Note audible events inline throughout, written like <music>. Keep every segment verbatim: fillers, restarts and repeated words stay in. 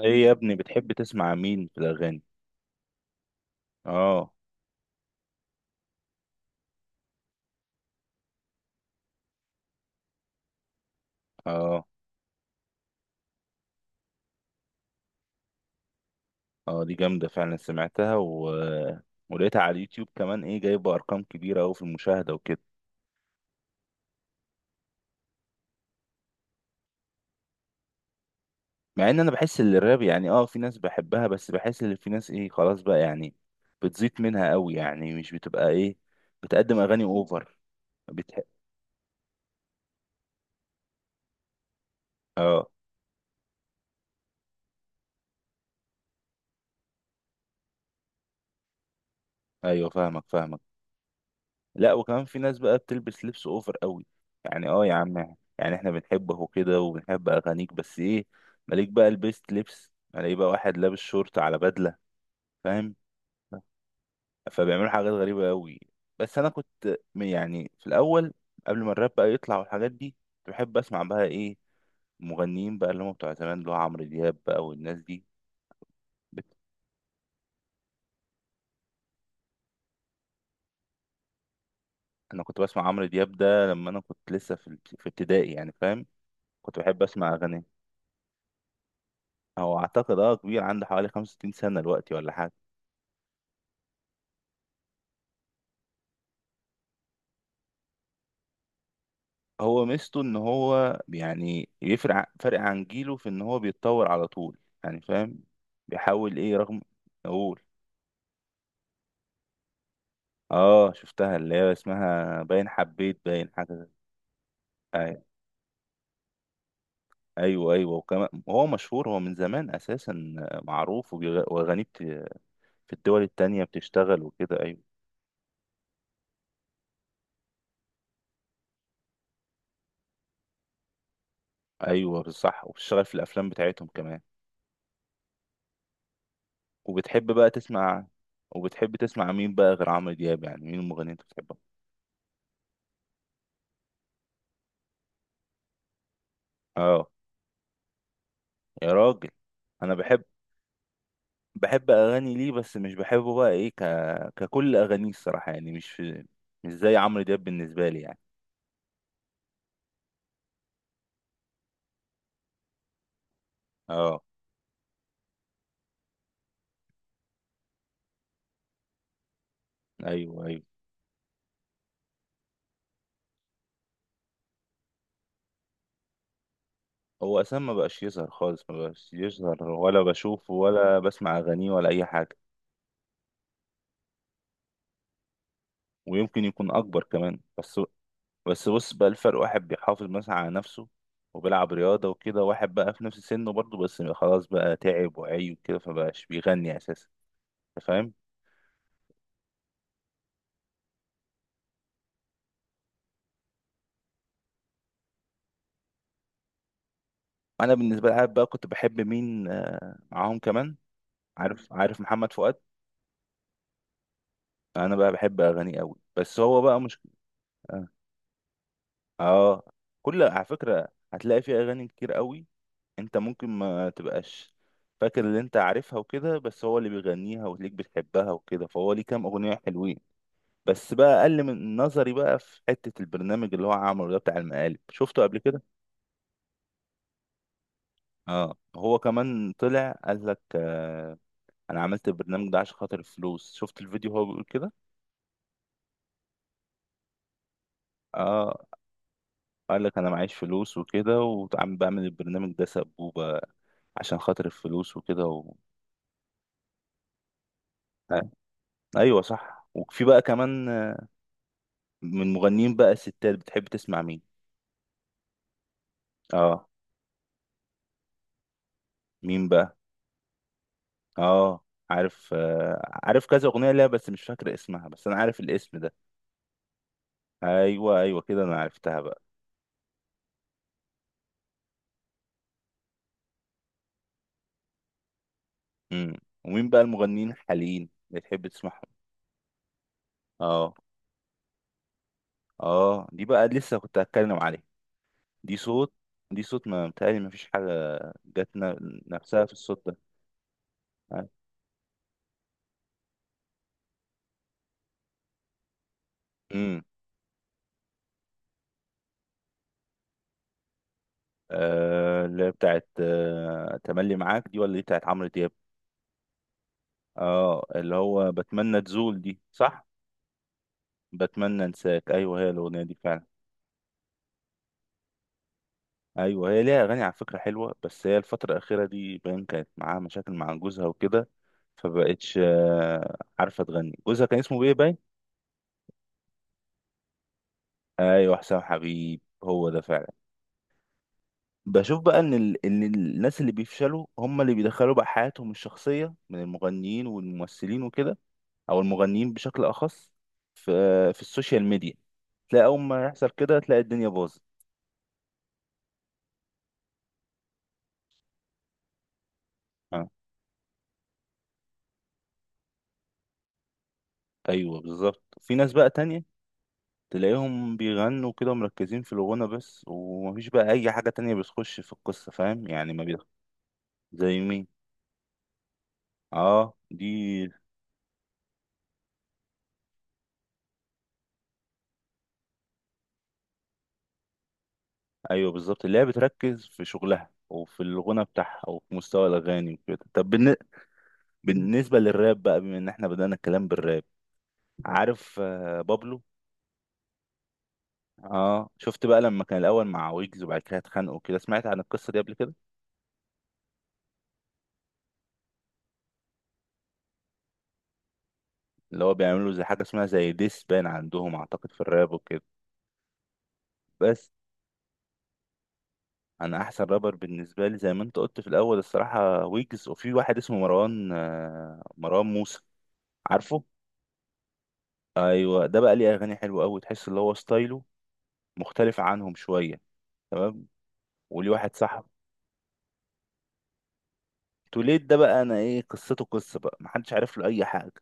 ايه يا ابني بتحب تسمع مين في الاغاني؟ اه. اه اه دي جامده فعلا سمعتها و... ولقيتها على اليوتيوب كمان، ايه جايبه ارقام كبيره قوي في المشاهده وكده. مع ان انا بحس ان الراب يعني اه في ناس بحبها، بس بحس ان في ناس ايه، خلاص بقى يعني بتزيط منها قوي، يعني مش بتبقى ايه، بتقدم اغاني اوفر. بتح... اه. ايوه فاهمك فاهمك لا وكمان في ناس بقى بتلبس لبس اوفر قوي، يعني اه يا عم، يعني احنا بنحبه وكده وبنحب اغانيك، بس ايه مالك بقى لبست لبس؟ الاقي بقى واحد لابس شورت على بدله، فاهم؟ فبيعملوا حاجات غريبه قوي. بس انا كنت م- يعني في الاول، قبل ما الراب بقى يطلع والحاجات دي، كنت بحب اسمع بقى ايه، مغنيين بقى اللي هم بتوع زمان، اللي هو عمرو دياب بقى والناس دي. بت- انا كنت بسمع عمرو دياب ده لما انا كنت لسه في ال- في ابتدائي، يعني فاهم؟ كنت بحب اسمع اغانيه. هو اعتقد اه كبير، عنده حوالي خمسة وستين سنة دلوقتي ولا حاجة. هو ميزته ان هو يعني يفرق ع- فرق عن جيله في ان هو بيتطور على طول، يعني فاهم؟ بيحاول ايه رغم، اقول. اه شفتها، اللي هي اسمها باين حبيت، باين حاجة زي- أي- ايوه ايوه، وكمان هو مشهور، هو من زمان اساسا معروف وبيغ- واغانيه بت- في الدول التانية بتشتغل وكده. ايوه ايوه بالصح، وبتشتغل في الافلام بتاعتهم كمان. وبتحب بقى تسمع، وبتحب تسمع مين بقى غير عمرو دياب؟ يعني مين المغني انت بتحبه؟ اه. يا راجل، انا بحب، بحب اغاني ليه، بس مش بحبه بقى ايه ك... ككل اغانيه الصراحه، يعني مش مش زي عمرو دياب بالنسبه لي يعني. اه. ايوه ايوه. هو اساسا ما بقاش يظهر خالص، ما بقاش يظهر ولا بشوفه ولا بسمع اغانيه ولا اي حاجه. ويمكن يكون اكبر كمان، بس بس بص بقى الفرق، واحد بيحافظ مثلا على نفسه وبيلعب رياضة وكده، واحد بقى في نفس سنه برضه بس خلاص بقى تعب وعي وكده فبقاش بيغني أساسا. أنت فاهم؟ أنا بالنسبة لي، عارف بقى كنت بحب مين آه، معاهم كمان؟ عارف؟ عارف محمد فؤاد؟ أنا بقى بحب أغانيه أوي، بس هو بقى مش آه. آه. كل على فكرة هتلاقي فيه أغاني كتير أوي. أنت ممكن ما تبقاش فاكر اللي أنت عارفها وكده، بس هو اللي بيغنيها وتلاقيك بتحبها وكده، فهو ليه كام أغنية حلوين. بس بقى اقل من نظري بقى في حتة البرنامج اللي هو عمله ده، بتاع المقالب، شفته قبل كده؟ اه هو كمان طلع قال لك آه، انا عملت البرنامج ده عشان خاطر الفلوس. شفت الفيديو هو بيقول كده؟ اه، قال لك انا معيش فلوس وكده، وعم بعمل البرنامج ده سبوبة عشان خاطر الفلوس وكده و... آه. ايوه صح. وفي بقى كمان آه، من مغنيين بقى ستات، بتحب تسمع مين؟ اه. مين بقى؟ اه عارف، آه عارف كذا اغنية ليها بس مش فاكر اسمها، بس انا عارف الاسم ده. ايوه ايوه كده انا عرفتها بقى. امم. ومين بقى المغنيين الحاليين اللي تحب تسمعهم؟ اه. اه دي بقى لسه كنت هتكلم عليها. دي صوت، دي صوت ما متهيألي ما فيش حاجة جت ن- نفسها في الصوت ده. امم. آه اللي هي بتاعت آه تملي معاك دي، ولا دي بتاعت عمرو دياب؟ اه اللي هو بتمنى تزول دي، صح؟ بتمنى انساك، ايوه هي الاغنية دي فعلا. ايوه هي ليها اغاني على فكرة حلوة، بس هي الفترة الأخيرة دي باين كانت معاها مشاكل مع جوزها وكده فبقتش آه، عارفه تغني. جوزها كان اسمه بيه باين. ايوه حسام حبيب هو ده فعلا. بشوف بقى ان ال... ان الناس اللي بيفشلوا هم اللي بيدخلوا بقى حياتهم الشخصيه، من المغنيين والممثلين وكده، او المغنيين بشكل اخص، في في السوشيال ميديا، تلاقي اول ما يحصل كده تلاقي الدنيا باظت. آه. ايوه بالظبط. في ناس بقى تانية تلاقيهم بيغنوا كده مركزين في الغنى بس، ومفيش بقى اي حاجه تانية بتخش في القصه، فاهم يعني؟ ما بيدخل. زي مين؟ اه دي ايوه بالظبط اللي هي بتركز في شغلها وفي الغنى بتاعها وفي مستوى الاغاني وكده. طب بالن- بالنسبه للراب بقى، بما ان احنا بدانا الكلام بالراب، عارف آه، بابلو؟ اه شفت بقى لما كان الاول مع ويجز وبعد كده اتخانقوا كده؟ سمعت عن القصه دي قبل كده؟ اللي هو بيعملوا زي حاجه اسمها زي ديس بان عندهم اعتقد في الراب وكده. بس انا احسن رابر بالنسبه لي، زي ما انت قلت في الاول الصراحه، ويجز، وفي واحد اسمه مروان آه، مروان موسى. عارفه؟ ايوه ده بقى ليه اغاني حلوه قوي، تحس اللي هو ستايله مختلف عنهم شويه، تمام. وليه واحد صاحبي. توليد ده بقى انا ايه قصته؟ قصه بقى محدش عارف له اي حاجه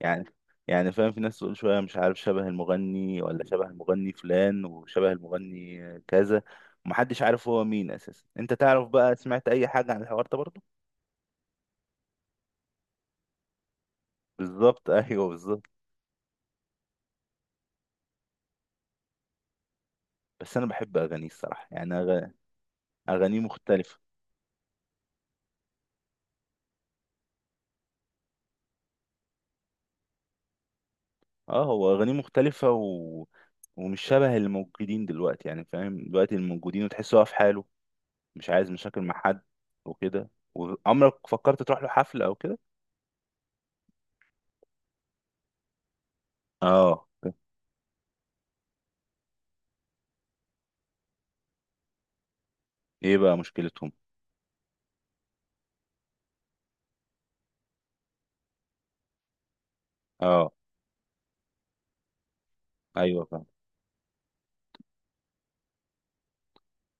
يعني، يعني فاهم؟ في ناس تقول شويه مش عارف شبه المغني ولا شبه المغني فلان وشبه المغني كذا. محدش عارف هو مين اساسا. انت تعرف بقى، سمعت اي حاجه عن الحوار ده برضه؟ بالظبط. <laughs> ايوه بالظبط. بس انا بحب اغانيه الصراحه، يعني أغ- اغانيه مختلفه. اه هو اغانيه مختلفه و... ومش شبه الموجودين دلوقتي، يعني فاهم دلوقتي الموجودين؟ وتحس هو في حاله، مش عايز مشاكل مع حد وكده. وعمرك فكرت تروح له حفلة او كده؟ اه. ايه بقى مشكلتهم؟ اه. ايوه فاهم.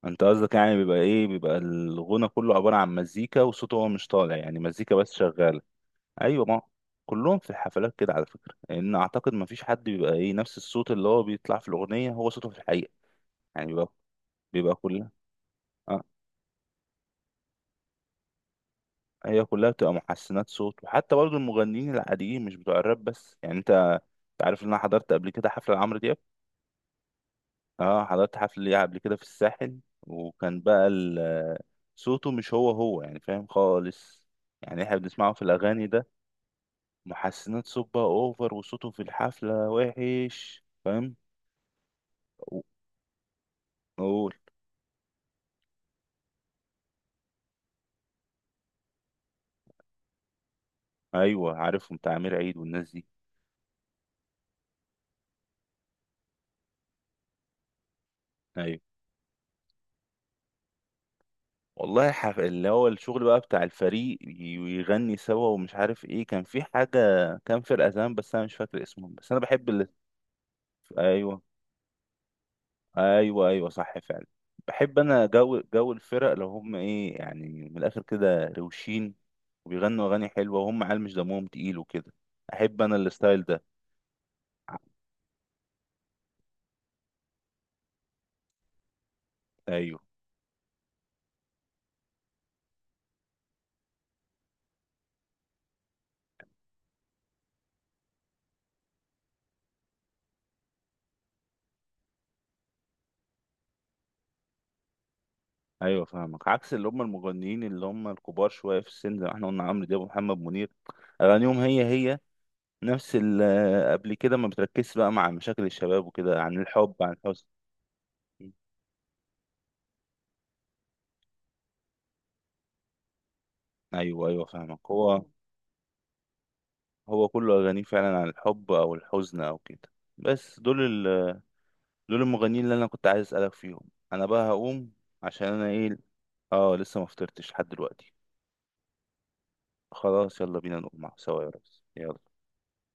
انت قصدك يعني بيبقى ايه، بيبقى الغنى كله عبارة عن مزيكا وصوته هو مش طالع، يعني مزيكا بس شغالة. ايوه ما كلهم في الحفلات كده على فكرة، لان اعتقد ما فيش حد بيبقى ايه، نفس الصوت اللي هو بيطلع في الاغنية هو صوته في الحقيقة. يعني بيبقى، بيبقى كلها اه، هي كلها بتبقى محسنات صوت. وحتى برضو المغنيين العاديين، مش بتوع الراب بس، يعني انت عارف ان انا حضرت قبل كده حفلة لعمرو دياب؟ اه حضرت حفل ليه قبل كده في الساحل، وكان بقى ال- صوته مش هو هو، يعني فاهم خالص؟ يعني احنا بنسمعه في الاغاني ده محسنات صبة اوفر، وصوته في الحفلة وحش، فاهم؟ اقول. ايوه عارفهم بتاع امير عيد والناس دي. ايوه والله حف... اللي هو الشغل بقى بتاع الفريق، ي- ويغني سوا ومش عارف ايه، كان في حاجة كان فرقة زمان بس انا مش فاكر اسمهم، بس انا بحب اللي... ايوه. ايوه ايوه صح فعلا. بحب انا جو، جو الفرق لو هم ايه يعني، من الاخر كده روشين وبيغنوا اغاني حلوه وهم عيال مش دمهم تقيل وكده، احب انا الستايل ده. ايوه ايوه فاهمك، عكس اللي هم المغنيين اللي هم الكبار شويه في السن زي ما احنا قلنا، عمرو دياب ومحمد منير، اغانيهم هي هي نفس ال- آه، قبل كده ما بتركزش بقى مع مشاكل الشباب وكده، عن الحب عن الحزن. ايوه ايوه فاهمك. هو هو كله اغانيه فعلا عن الحب او الحزن او كده. بس دول، دول المغنيين اللي انا كنت عايز اسالك فيهم. انا بقى هقوم عشان انا ايه. اه لسه ما فطرتش لحد دلوقتي. خلاص يلا بينا نقوم مع- سوا يا ريس، يلا.